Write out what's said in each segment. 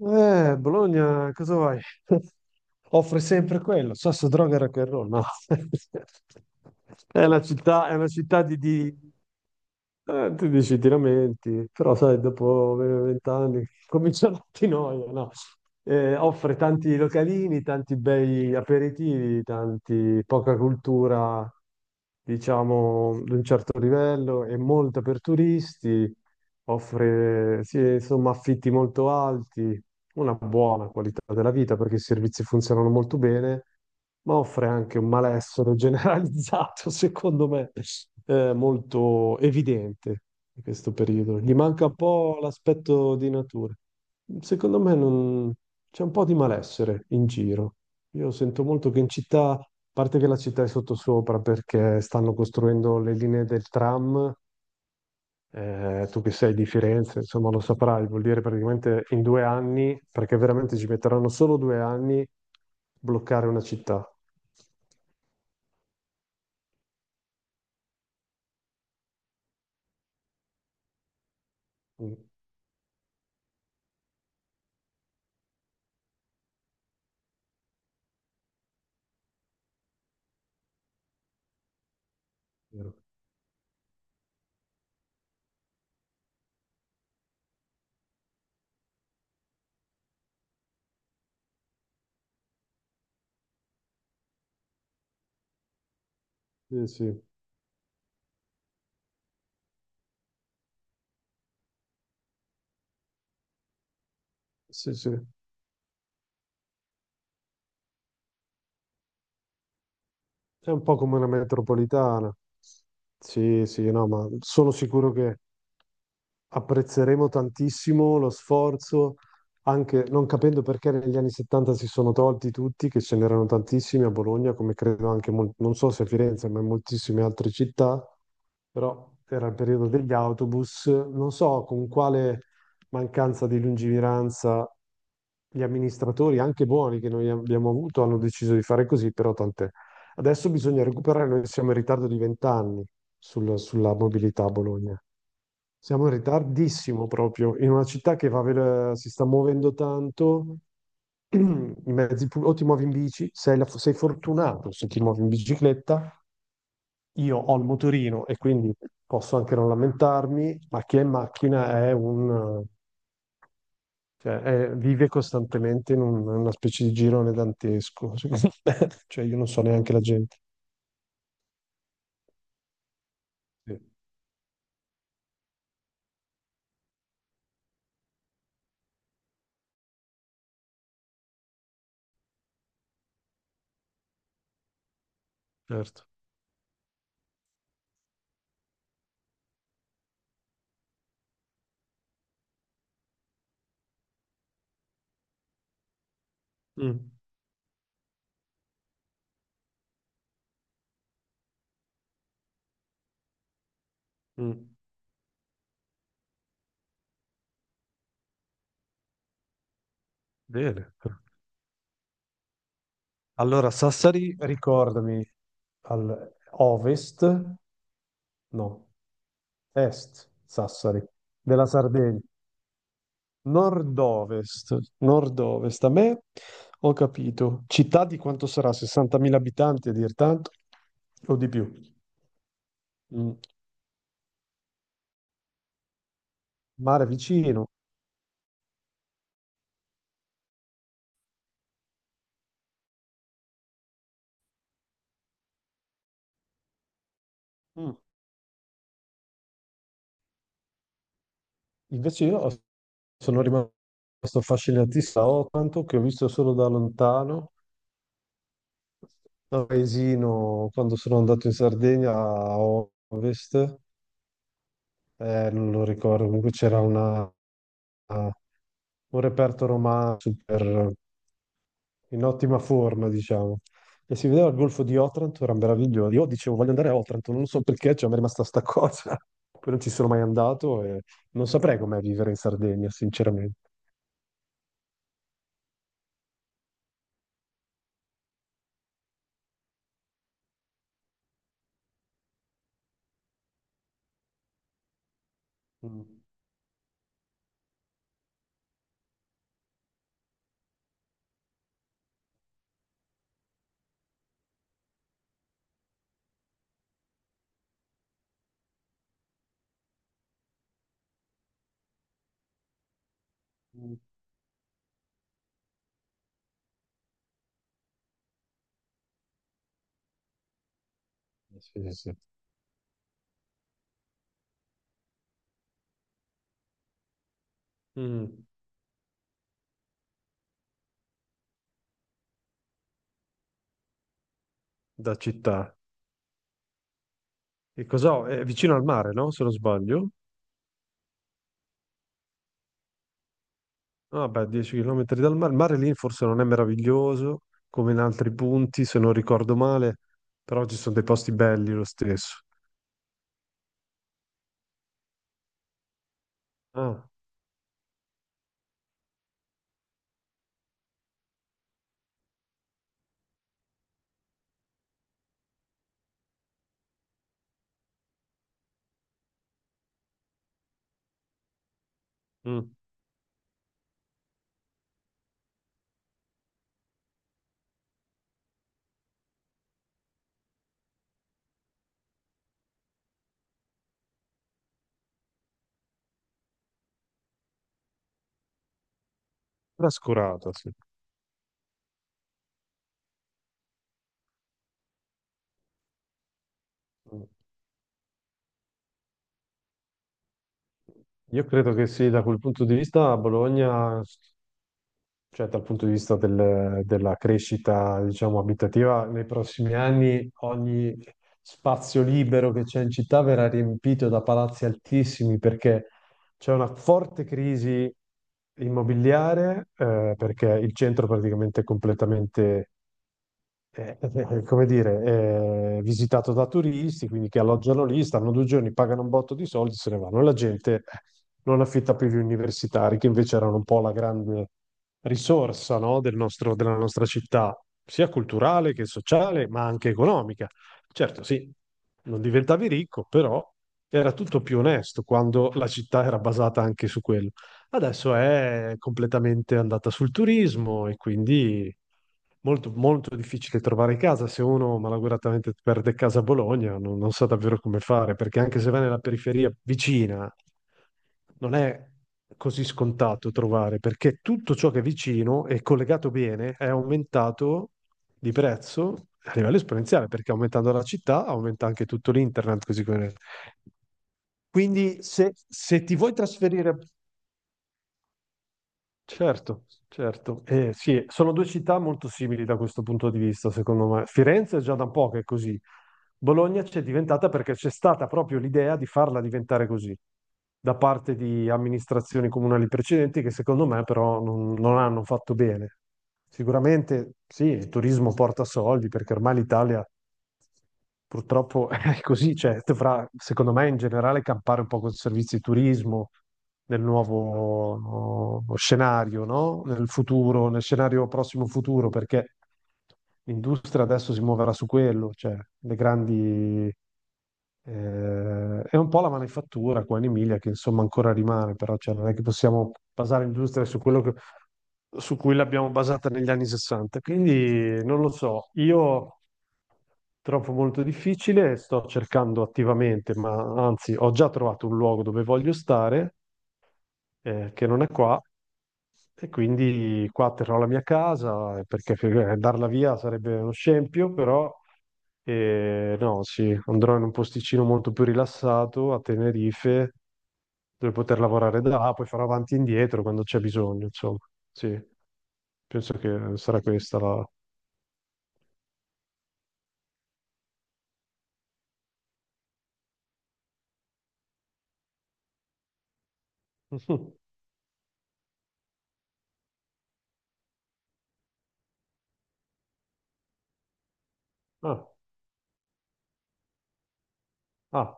Bologna, cosa vuoi? Offre sempre quello, sasso, droga, e rock and roll, no? È una città tu dici ti lamenti, però sai, dopo 20 anni comincia la ti noia, no? Offre tanti localini, tanti bei aperitivi, tanti, poca cultura, diciamo, di un certo livello e molta per turisti, offre, sì, insomma, affitti molto alti, una buona qualità della vita perché i servizi funzionano molto bene, ma offre anche un malessere generalizzato, secondo me, molto evidente in questo periodo. Gli manca un po' l'aspetto di natura. Secondo me non- C'è un po' di malessere in giro. Io sento molto che in città, a parte che la città è sottosopra perché stanno costruendo le linee del tram, tu che sei di Firenze, insomma lo saprai, vuol dire praticamente in 2 anni, perché veramente ci metteranno solo 2 anni bloccare una città. Mm, vero. Sì, sì, sì, sì. È un po' come una metropolitana. Sì, sì, no, ma sono sicuro che apprezzeremo tantissimo lo sforzo, anche non capendo perché negli anni 70 si sono tolti tutti, che ce n'erano tantissimi a Bologna, come credo anche, non so se a Firenze, ma in moltissime altre città. Però era il periodo degli autobus, non so con quale mancanza di lungimiranza gli amministratori, anche buoni che noi abbiamo avuto, hanno deciso di fare così, però tant'è. Adesso bisogna recuperare, noi siamo in ritardo di 20 anni sulla mobilità a Bologna. Siamo in ritardissimo proprio, in una città che si sta muovendo tanto, i mezzi pubblici, o ti muovi in bici, sei fortunato se ti muovi in bicicletta, io ho il motorino e quindi posso anche non lamentarmi, ma chi è in macchina cioè, vive costantemente in una specie di girone dantesco, secondo me. Cioè, io non so neanche la gente. Sì, certo. Mm, mm. Bene. Allora, Sassari, ricordami, al ovest, no, est Sassari, della Sardegna. Nord-ovest, nord-ovest. A me ho capito. Città di quanto sarà? 60.000 abitanti a dir tanto o di più? Mm. Mare vicino. Mm. Invece io ho- sono rimasto affascinatissimo da Otranto, che ho visto solo da lontano, da un paesino quando sono andato in Sardegna a ovest, non lo ricordo, comunque c'era una, un reperto romanzo per in ottima forma, diciamo. E si vedeva il golfo di Otranto, era meraviglioso. Io dicevo, voglio andare a Otranto, non so perché, cioè, mi è rimasta sta cosa. Poi non ci sono mai andato e non saprei com'è vivere in Sardegna, sinceramente. Mm. Mm. Sì, sì, sì. Mm, da città. E cos'ho? È vicino al mare, no? Se non sbaglio. Ah, beh, 10 km dal mare. Il mare lì forse non è meraviglioso come in altri punti, se non ricordo male, però ci sono dei posti belli lo stesso. Ah, mm. Trascurato, sì. Io credo che sì, da quel punto di vista Bologna, cioè dal punto di vista della crescita, diciamo, abitativa, nei prossimi anni ogni spazio libero che c'è in città verrà riempito da palazzi altissimi perché c'è una forte crisi immobiliare, perché il centro praticamente è completamente eh, eh, come dire, visitato da turisti, quindi che alloggiano lì, stanno 2 giorni, pagano un botto di soldi, se ne vanno. La gente non affitta più gli universitari, che invece erano un po' la grande risorsa, no, della nostra città, sia culturale che sociale, ma anche economica. Certo, sì, non diventavi ricco, però era tutto più onesto quando la città era basata anche su quello. Adesso è completamente andata sul turismo e quindi molto, molto difficile trovare casa. Se uno malauguratamente perde casa a Bologna, non sa davvero come fare, perché anche se va nella periferia vicina, non è così scontato trovare, perché tutto ciò che è vicino e collegato bene è aumentato di prezzo a livello esponenziale, perché aumentando la città aumenta anche tutto l'internet, così come... Quindi se ti vuoi trasferire certo, certo. Sì, sono due città molto simili da questo punto di vista, secondo me. Firenze è già da un po' che è così. Bologna c'è diventata perché c'è stata proprio l'idea di farla diventare così, da parte di amministrazioni comunali precedenti che secondo me però non hanno fatto bene. Sicuramente sì, il turismo porta soldi perché ormai l'Italia purtroppo è così, cioè, dovrà, secondo me, in generale campare un po' con servizi di turismo nel nuovo no, scenario, no? Nel futuro, nel scenario prossimo futuro, perché l'industria adesso si muoverà su quello, cioè le grandi... Eh, è un po' la manifattura qua in Emilia che insomma ancora rimane, però cioè, non è che possiamo basare l'industria su quello che su cui l'abbiamo basata negli anni 60. Quindi non lo so, io trovo molto difficile, sto cercando attivamente, ma anzi ho già trovato un luogo dove voglio stare, che non è qua, e quindi qua terrò la mia casa, perché darla via sarebbe uno scempio, però no, sì, andrò in un posticino molto più rilassato a Tenerife, dove poter lavorare da là, poi farò avanti e indietro quando c'è bisogno, insomma. Sì, penso che sarà questa la... Mhm. Ah, ah,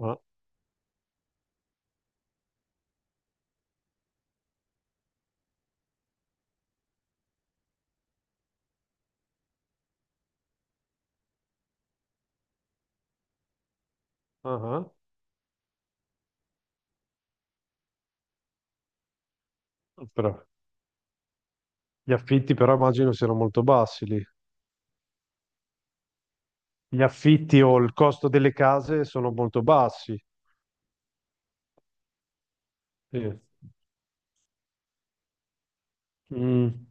ah, ah, ah. Però, gli affitti però immagino siano molto bassi lì. Gli affitti o il costo delle case sono molto bassi. Sì. Mm.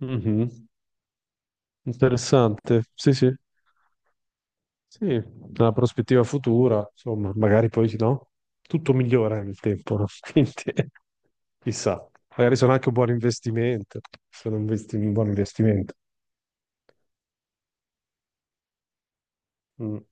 Mhm. Interessante, sì, sì, sì, una prospettiva futura, insomma, magari poi no, tutto migliora nel tempo, no? Quindi chissà, magari sono anche un buon investimento, sono un un buon investimento. Mm.